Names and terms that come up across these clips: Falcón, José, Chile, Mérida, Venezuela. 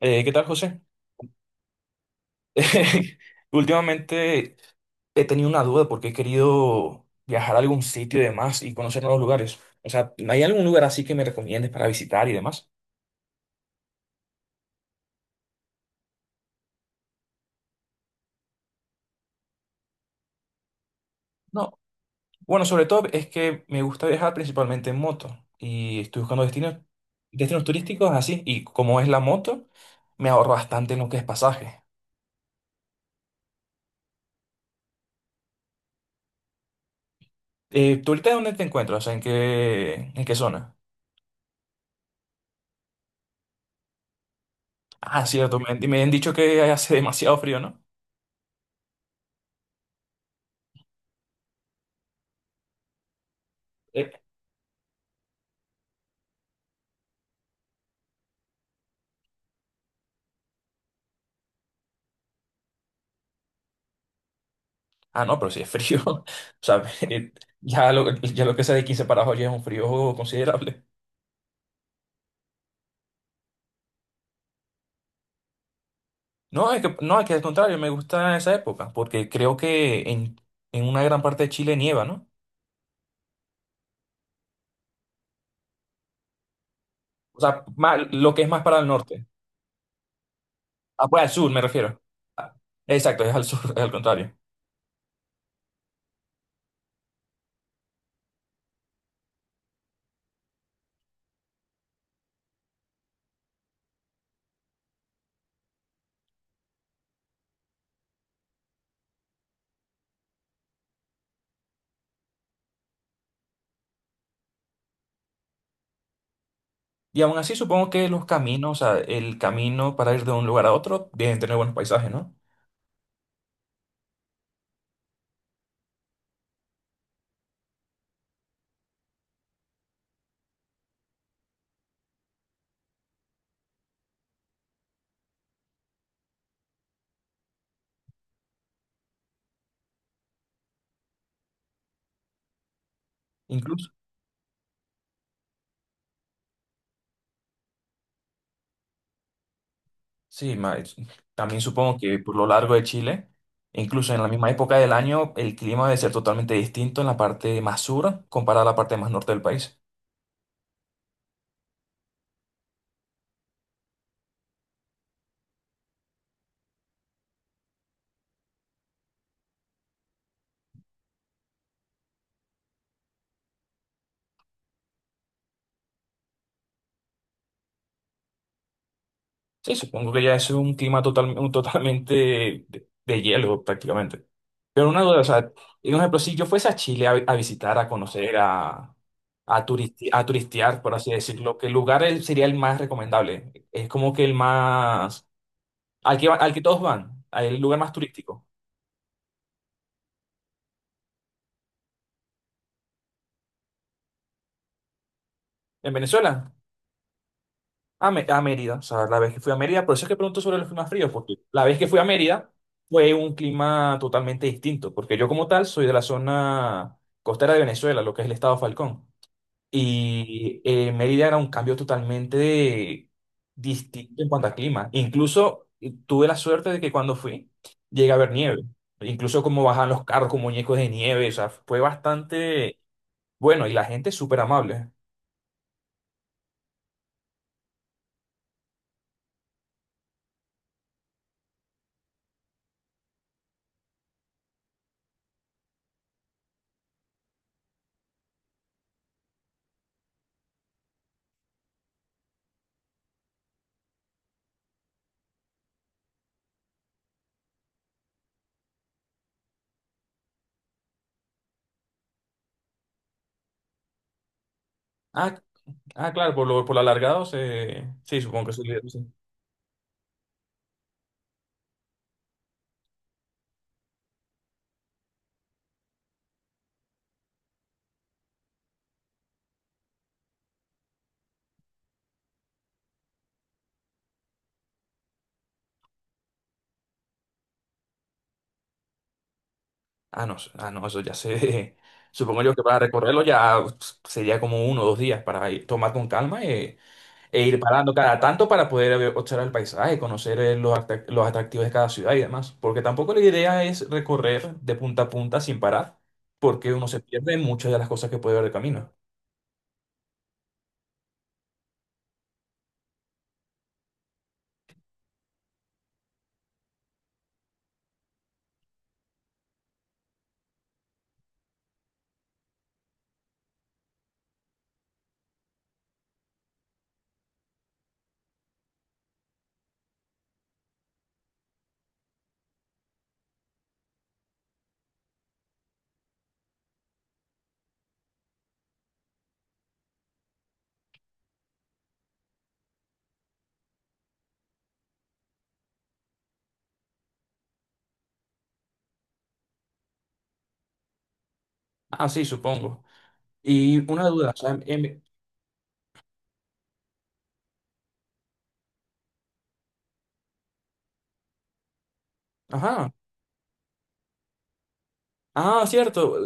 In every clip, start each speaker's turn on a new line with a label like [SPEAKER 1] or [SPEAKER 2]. [SPEAKER 1] ¿Qué tal, José? Últimamente he tenido una duda porque he querido viajar a algún sitio y demás y conocer nuevos lugares. O sea, ¿hay algún lugar así que me recomiendes para visitar y demás? No. Bueno, sobre todo es que me gusta viajar principalmente en moto y estoy buscando destinos turísticos así. Y como es la moto, me ahorro bastante en lo que es pasaje. ¿Tú ahorita dónde te encuentras? O sea, en qué zona? Ah, cierto, me han dicho que hace demasiado frío, ¿no? Ah, no, pero si es frío. O sea, ya lo que sea de 15 para abajo ya es un frío considerable. No, es que al contrario, me gusta esa época, porque creo que en una gran parte de Chile nieva, ¿no? O sea, lo que es más para el norte. Ah, pues al sur me refiero. Ah, exacto, es al sur, es al contrario. Y aún así supongo que los caminos, o sea, el camino para ir de un lugar a otro, deben tener buenos paisajes, ¿no? Incluso. Sí, también supongo que por lo largo de Chile, incluso en la misma época del año, el clima debe ser totalmente distinto en la parte más sur comparada a la parte más norte del país. Sí, supongo que ya es un clima total, un totalmente de hielo prácticamente. Pero una duda, o sea, y un ejemplo, si yo fuese a Chile a visitar, a conocer, a turistear, por así decirlo, ¿qué lugar sería el más recomendable? Es como que el más. Al que, al que todos van, el lugar más turístico. ¿En Venezuela? A Mérida, o sea, la vez que fui a Mérida, por eso es que pregunto sobre los climas fríos, porque la vez que fui a Mérida fue un clima totalmente distinto, porque yo como tal soy de la zona costera de Venezuela, lo que es el estado Falcón, y Mérida era un cambio totalmente distinto en cuanto a clima. Incluso tuve la suerte de que cuando fui llegué a ver nieve, incluso como bajan los carros con muñecos de nieve, o sea, fue bastante bueno y la gente es súper amable. Ah, Ah, claro, por lo alargado se. Sí, supongo que. Ujú. Sí. Ah, no, ah, no, eso ya se. Supongo yo que para recorrerlo ya pf, sería como uno o dos días para tomar con calma, ir parando cada tanto para poder observar el paisaje, conocer, los atractivos de cada ciudad y demás. Porque tampoco la idea es recorrer de punta a punta sin parar, porque uno se pierde en muchas de las cosas que puede ver de camino. Ah, sí, supongo. Y una duda, o sea, Ajá. Ah, cierto.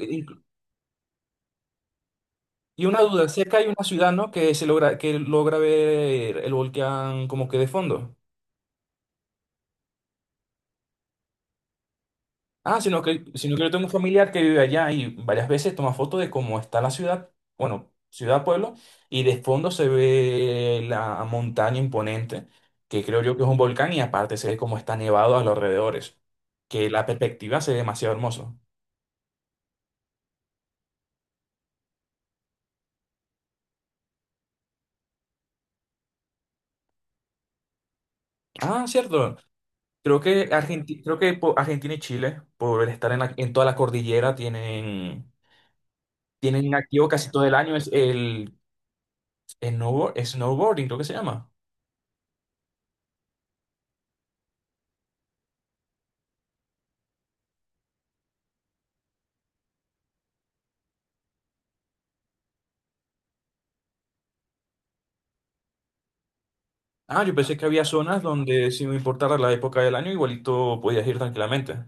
[SPEAKER 1] Y una duda, cerca hay una ciudad, ¿no? Que se logra, que logra ver el volcán como que de fondo. Ah, sino que yo tengo un familiar que vive allá y varias veces toma fotos de cómo está la ciudad, bueno, ciudad, pueblo, y de fondo se ve la montaña imponente, que creo yo que es un volcán, y aparte se ve cómo está nevado a los alrededores, que la perspectiva se ve demasiado hermoso. Ah, cierto. Creo que Argentina, creo que Argentina y Chile, por estar en, en toda la cordillera, tienen tienen activo casi todo el año es el snowboarding, creo que se llama. Ah, yo pensé que había zonas donde si no importara la época del año, igualito podías ir tranquilamente.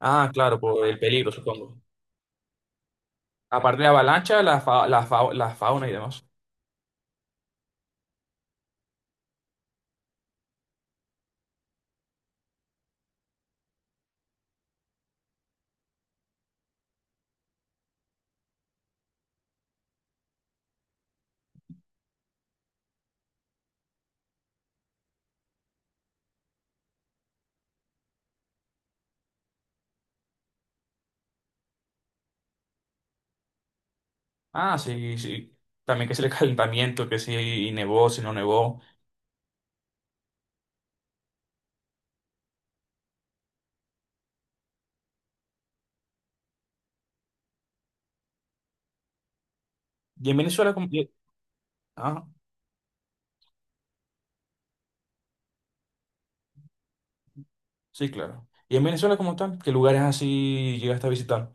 [SPEAKER 1] Ah, claro, por el peligro, supongo. Aparte de avalancha, la fauna y demás. Ah, sí, sí. También que es el calentamiento, que si nevó, si no nevó. Y en Venezuela, como. Ah, sí, claro. Y en Venezuela como tal, ¿qué lugares así llegaste a visitar?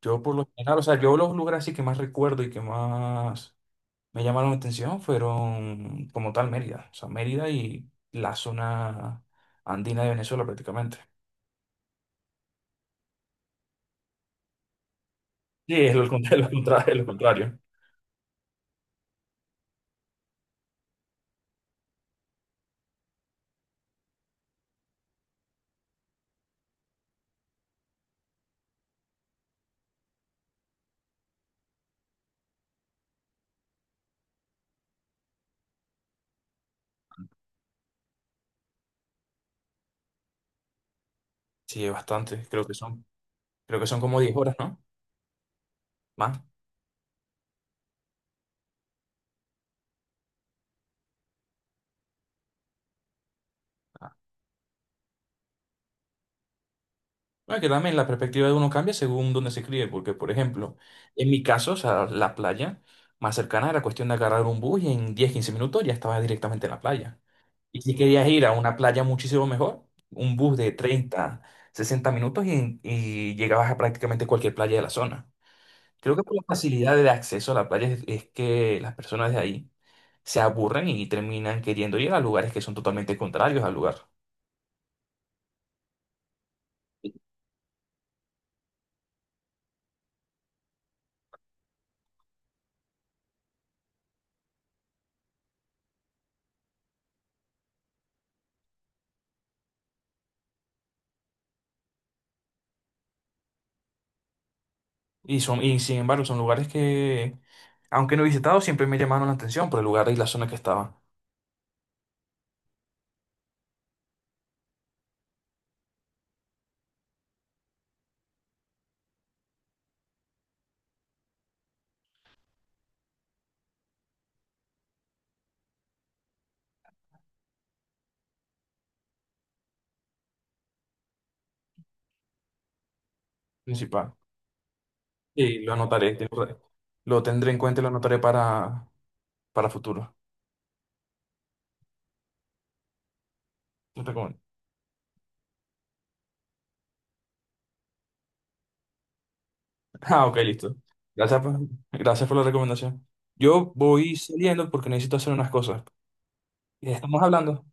[SPEAKER 1] Yo por lo general, o sea, yo los lugares así que más recuerdo y que más me llamaron la atención fueron como tal Mérida, o sea, Mérida y la zona andina de Venezuela prácticamente. Sí, es lo contrario, lo contrario, lo contrario. Sí, es bastante, creo que son como 10 horas, ¿no? Más. Ah. Bueno, que también la perspectiva de uno cambia según donde se críe, porque por ejemplo, en mi caso, o sea, la playa más cercana era cuestión de agarrar un bus y en 10 o 15 minutos ya estaba directamente en la playa. Y si querías ir a una playa muchísimo mejor, un bus de 30 o 60 minutos y llegabas a prácticamente cualquier playa de la zona. Creo que por la facilidad de acceso a la playa es que las personas de ahí se aburren y terminan queriendo ir a lugares que son totalmente contrarios al lugar. Y, son, y sin embargo, son lugares que, aunque no he visitado, siempre me llamaron la atención por el lugar y la zona que estaba principal. Y lo anotaré, lo tendré en cuenta y lo anotaré para futuro. Te recomiendo. Ah, ok, listo. Gracias por, gracias por la recomendación. Yo voy saliendo porque necesito hacer unas cosas. Estamos hablando.